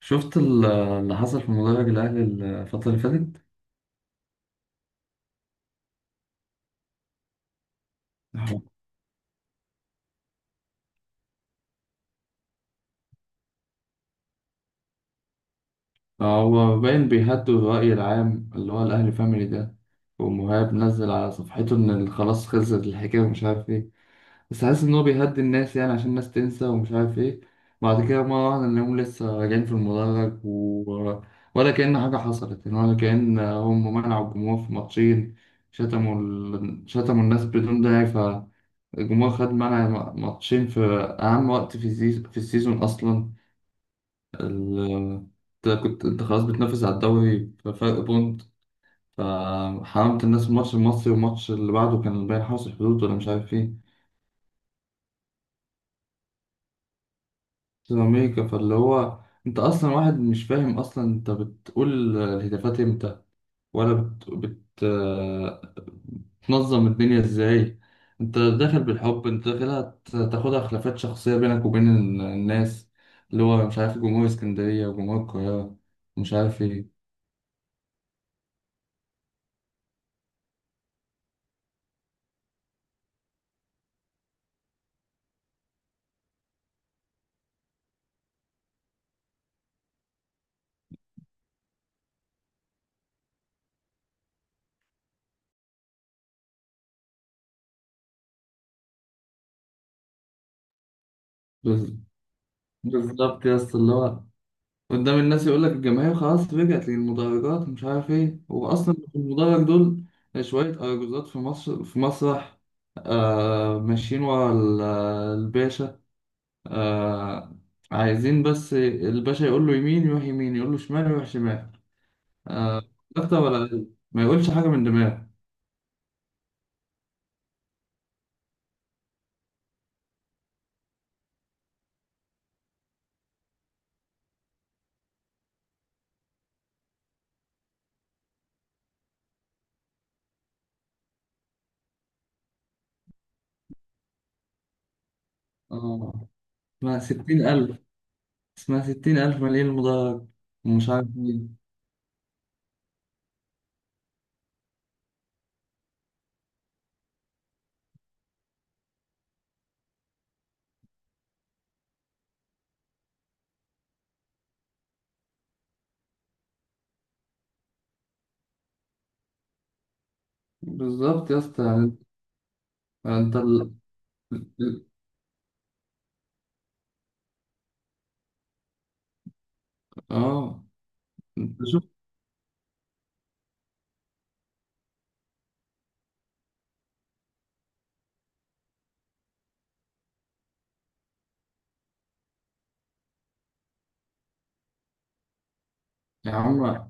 شفت اللي حصل في مدرج الأهلي الفترة اللي فاتت؟ هو هو باين بيهدوا الرأي العام اللي هو الأهلي فاميلي ده. ومهاب نزل على صفحته إن خلاص خلصت الحكاية ومش عارف إيه. بس حاسس إن هو بيهدي الناس يعني عشان الناس تنسى ومش عارف إيه. بعد كده مرة واحدة نلاقيهم لسه راجعين في المدرج ولا كأن حاجة حصلت يعني، ولا كأن هم منعوا الجمهور في ماتشين. شتموا الناس بدون داعي. الجمهور خد معانا ماتشين في أهم وقت في في السيزون أصلا. ال- أنت خلاص بتنافس على الدوري بفرق بونت، فحرمت الناس الماتش المصري، والماتش اللي بعده كان باين حرس الحدود ولا مش عارف إيه. سوبر أمريكا، فاللي هو أنت أصلا واحد مش فاهم أصلا، أنت بتقول الهتافات إمتى، ولا بت... بت... تنظم الدنيا ازاي. انت داخل بالحب، انت داخلها تاخدها خلافات شخصية بينك وبين الناس، اللي هو مش عارف جمهور اسكندرية وجمهور القاهرة، مش عارف ايه. بز- بالظبط يا اسطى، اللي هو قدام الناس يقول لك الجماهير خلاص رجعت للمدرجات مش عارف ايه. هو اصلا في المدرج دول شوية أرجوزات في مصر في مسرح. آه، ماشيين ورا الباشا. آه، عايزين بس الباشا يقول له يمين يروح يمين، يقول له شمال يروح شمال، آه، أكتر ولا أقل، ما يقولش حاجة من دماغه. آه اسمها 60 ألف، اسمها 60 ألف مليون مدرج. ومش عارف مين. بالظبط يا اسطى يعني أنت ال... ال- آه أنت شوف. يا عم،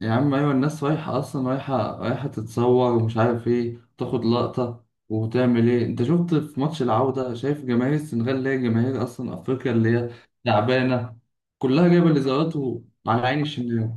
يا عم، أيوة الناس رايحة أصلا، رايحة رايحة تتصور ومش عارف إيه، تاخد لقطة وتعمل إيه. أنت شفت في ماتش العودة؟ شايف جماهير السنغال اللي هي جماهير أصلا أفريقيا، اللي هي تعبانة، كلها جايبة الإزارات، وعلى عين الشناوي.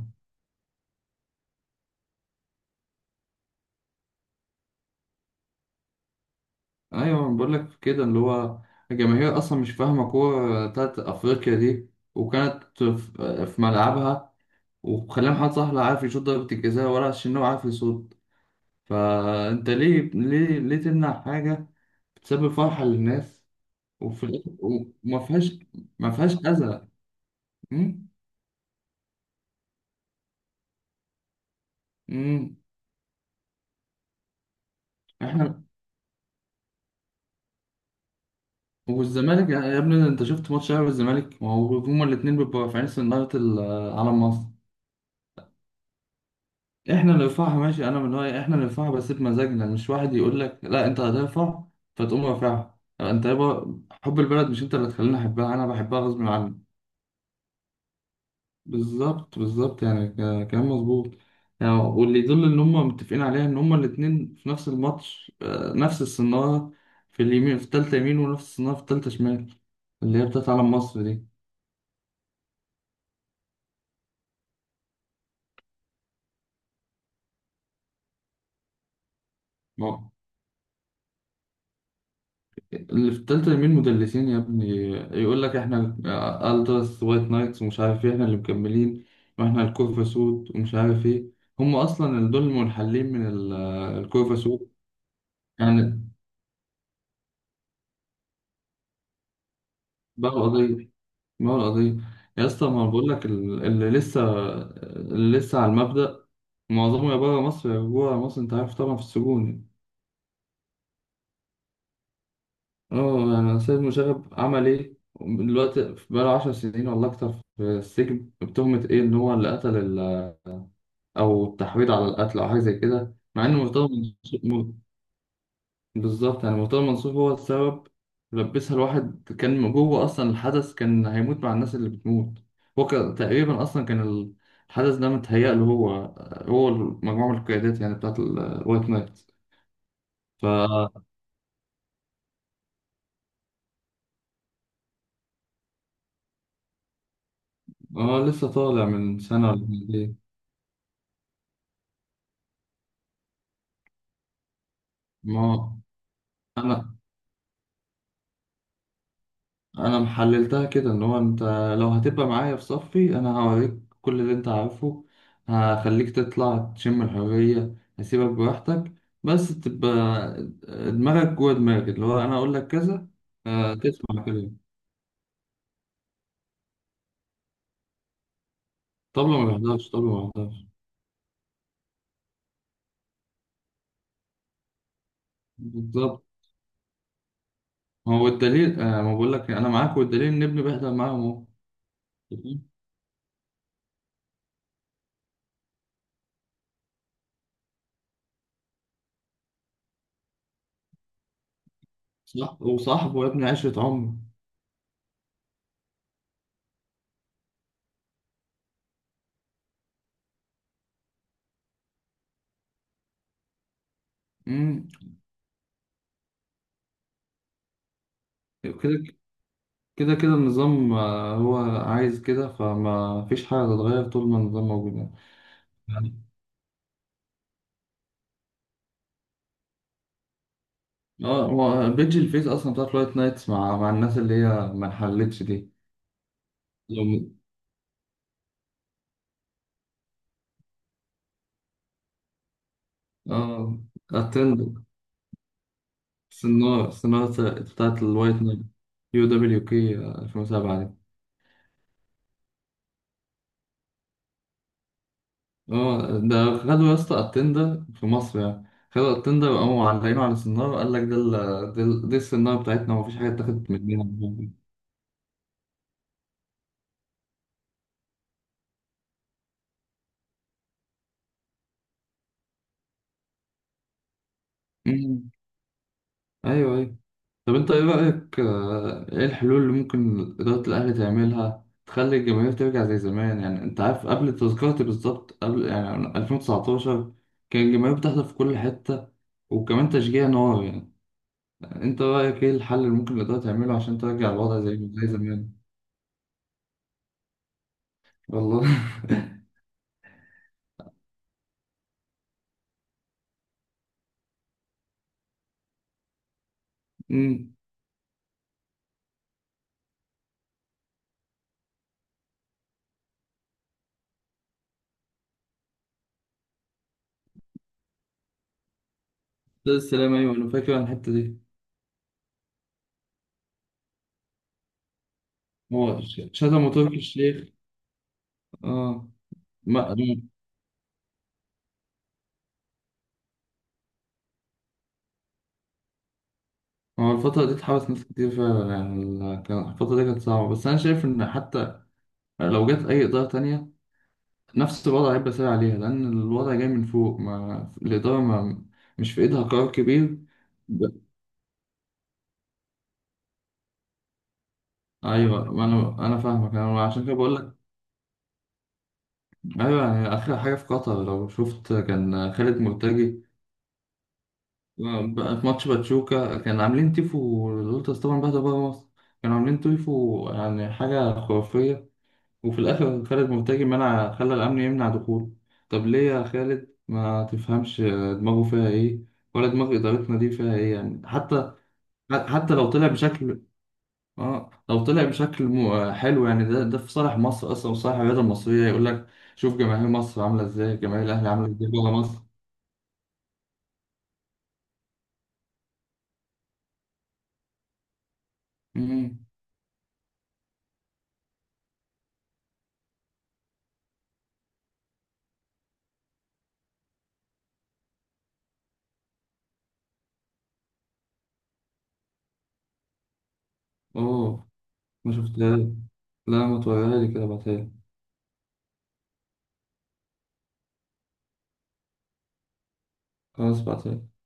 ايوه انا بقول لك كده، اللي هو الجماهير اصلا مش فاهمه كوره بتاعت افريقيا دي، وكانت في ملعبها، وخلى محمد صلاح لا عارف يشوط ضربه الجزاء ولا عشان هو عارف يصوت. فانت ليه ليه ليه تمنع حاجه بتسبب فرحه للناس، وفي الاخر وما فيهاش ما فيهاش اذى. أمم، أمم. احنا والزمالك، يا ابني انت شفت ماتش الاهلي والزمالك؟ ما هو هما الاثنين بيبقوا رافعين سناره علم مصر. احنا اللي ندفعها ماشي، انا من رايي احنا اللي ندفعها بس بمزاجنا، مش واحد يقول لك لا انت هترفع فتقوم رافعها. يعني انت يابا حب البلد مش انت اللي تخليني احبها، انا بحبها غصب عني. بالظبط، بالظبط يعني، كلام مظبوط. يعني واللي يدل ان هم متفقين عليها ان هم الاتنين في نفس الماتش، نفس الصناره في اليمين في التالتة يمين، ونفس الصناره في التالتة شمال، اللي هي بتاعت علم مصر. دي اللي في التالتة مين؟ مدلسين يا ابني. يقول لك احنا التراس وايت نايتس ومش عارف ايه، احنا اللي مكملين، واحنا الكورفا سود ومش عارف ايه. هم اصلا اللي دول المنحلين من الكورفا سود يعني. باعوا قضية باعوا القضية. يا اسطى، ما بقول لك اللي لسه على المبدأ، معظمه يا بره مصر يا جوه مصر. انت عارف طبعا في السجون يعني. اه يعني سيد مشرف عمل ايه دلوقتي؟ بقاله 10 سنين ولا اكتر في السجن بتهمة ايه؟ ان هو اللي قتل او التحويض على القتل او حاجه زي كده، مع ان مرتضى منصور بالظبط. يعني مرتضى منصور هو السبب، لبسها. الواحد كان جوه اصلا، الحدث كان هيموت مع الناس اللي بتموت. هو كان تقريبا اصلا كان الحدث ده متهيأ له هو، هو مجموعه من القيادات يعني بتاعت الوايت نايت ف اه، لسه طالع من سنه ولا من إيه. ما انا انا محللتها كده، ان هو انت لو هتبقى معايا في صفي انا هوريك كل اللي انت عارفه، هخليك تطلع تشم الحرية، هسيبك براحتك، بس تبقى دماغك جوه دماغي، اللي هو انا اقول لك كذا. تسمع كلامي. طبلة ما بيحضرش، طبلة ما بيحضرش. بالظبط، هو الدليل، ما بقول لك انا معاك، والدليل ان ابني بيحضر معاهم اهو. صح، وصاحبه يا ابني عشرة عمر. امم كده كده كده النظام، هو عايز كده، فما فيش حاجة هتتغير طول ما النظام موجود يعني. يعني- اه، هو بيج الفيس أصلا بتاعت لايت نايتس مع الناس اللي هي ما انحلتش دي. لو اه اتند سنارة، سنارة بتاعت الوايت نايت، يو دبليو كي 2007 دي. اه ده خدوا يا اسطى اتندر في مصر يعني، خدوا اتندر وقاموا معلقينه على السنارة، قال لك دي السنارة بتاعتنا ومفيش حاجة اتاخدت مننا. مم. ايوه، ايوه. طب انت ايه رأيك، ايه الحلول اللي ممكن إدارة الأهلي تعملها تخلي الجماهير ترجع زي زمان؟ يعني انت عارف قبل تذكرتي بالظبط، قبل يعني 2019 كان الجماهير بتحضر في كل حتة، وكمان تشجيع نار يعني. انت رأيك ايه الحل اللي ممكن الإدارة تعمله عشان ترجع الوضع زي زمان؟ والله. امم ده السلام، ايوه انا فاكر عن الحتة دي. هو شتموا تركي الشيخ. اه ما هو الفترة دي اتحبس ناس كتير فعلا يعني. كان الفترة دي كانت صعبة، بس أنا شايف إن حتى يعني لو جت أي إدارة تانية نفس الوضع هيبقى سهل عليها، لأن الوضع جاي من فوق. ما الإدارة ما مش في إيدها قرار كبير. ب- أيوة، ما أنا فاهمك، أنا عشان كده بقول لك. أيوة يعني آخر حاجة في قطر لو شفت كان خالد مرتجي، بقى في ماتش باتشوكا كان عاملين تيفو الولترز طبعا، بعد بره مصر كانوا عاملين تيفو يعني حاجة خرافية، وفي الآخر خالد مرتجي منع، خلى الأمن يمنع دخوله. طب ليه يا خالد ما تفهمش؟ دماغه فيها إيه؟ ولا دماغ إدارتنا دي فيها إيه يعني؟ حتى لو طلع بشكل، لو طلع بشكل حلو يعني، ده في صالح مصر أصلا وصالح الرياضة المصرية. يقول لك شوف جماهير مصر عاملة إزاي، جماهير الأهلي عاملة إزاي بره مصر. مم. أوه، ما شفتهاش. لا، ما توريها لي كده، بعتها لي. خلاص بعتها لي.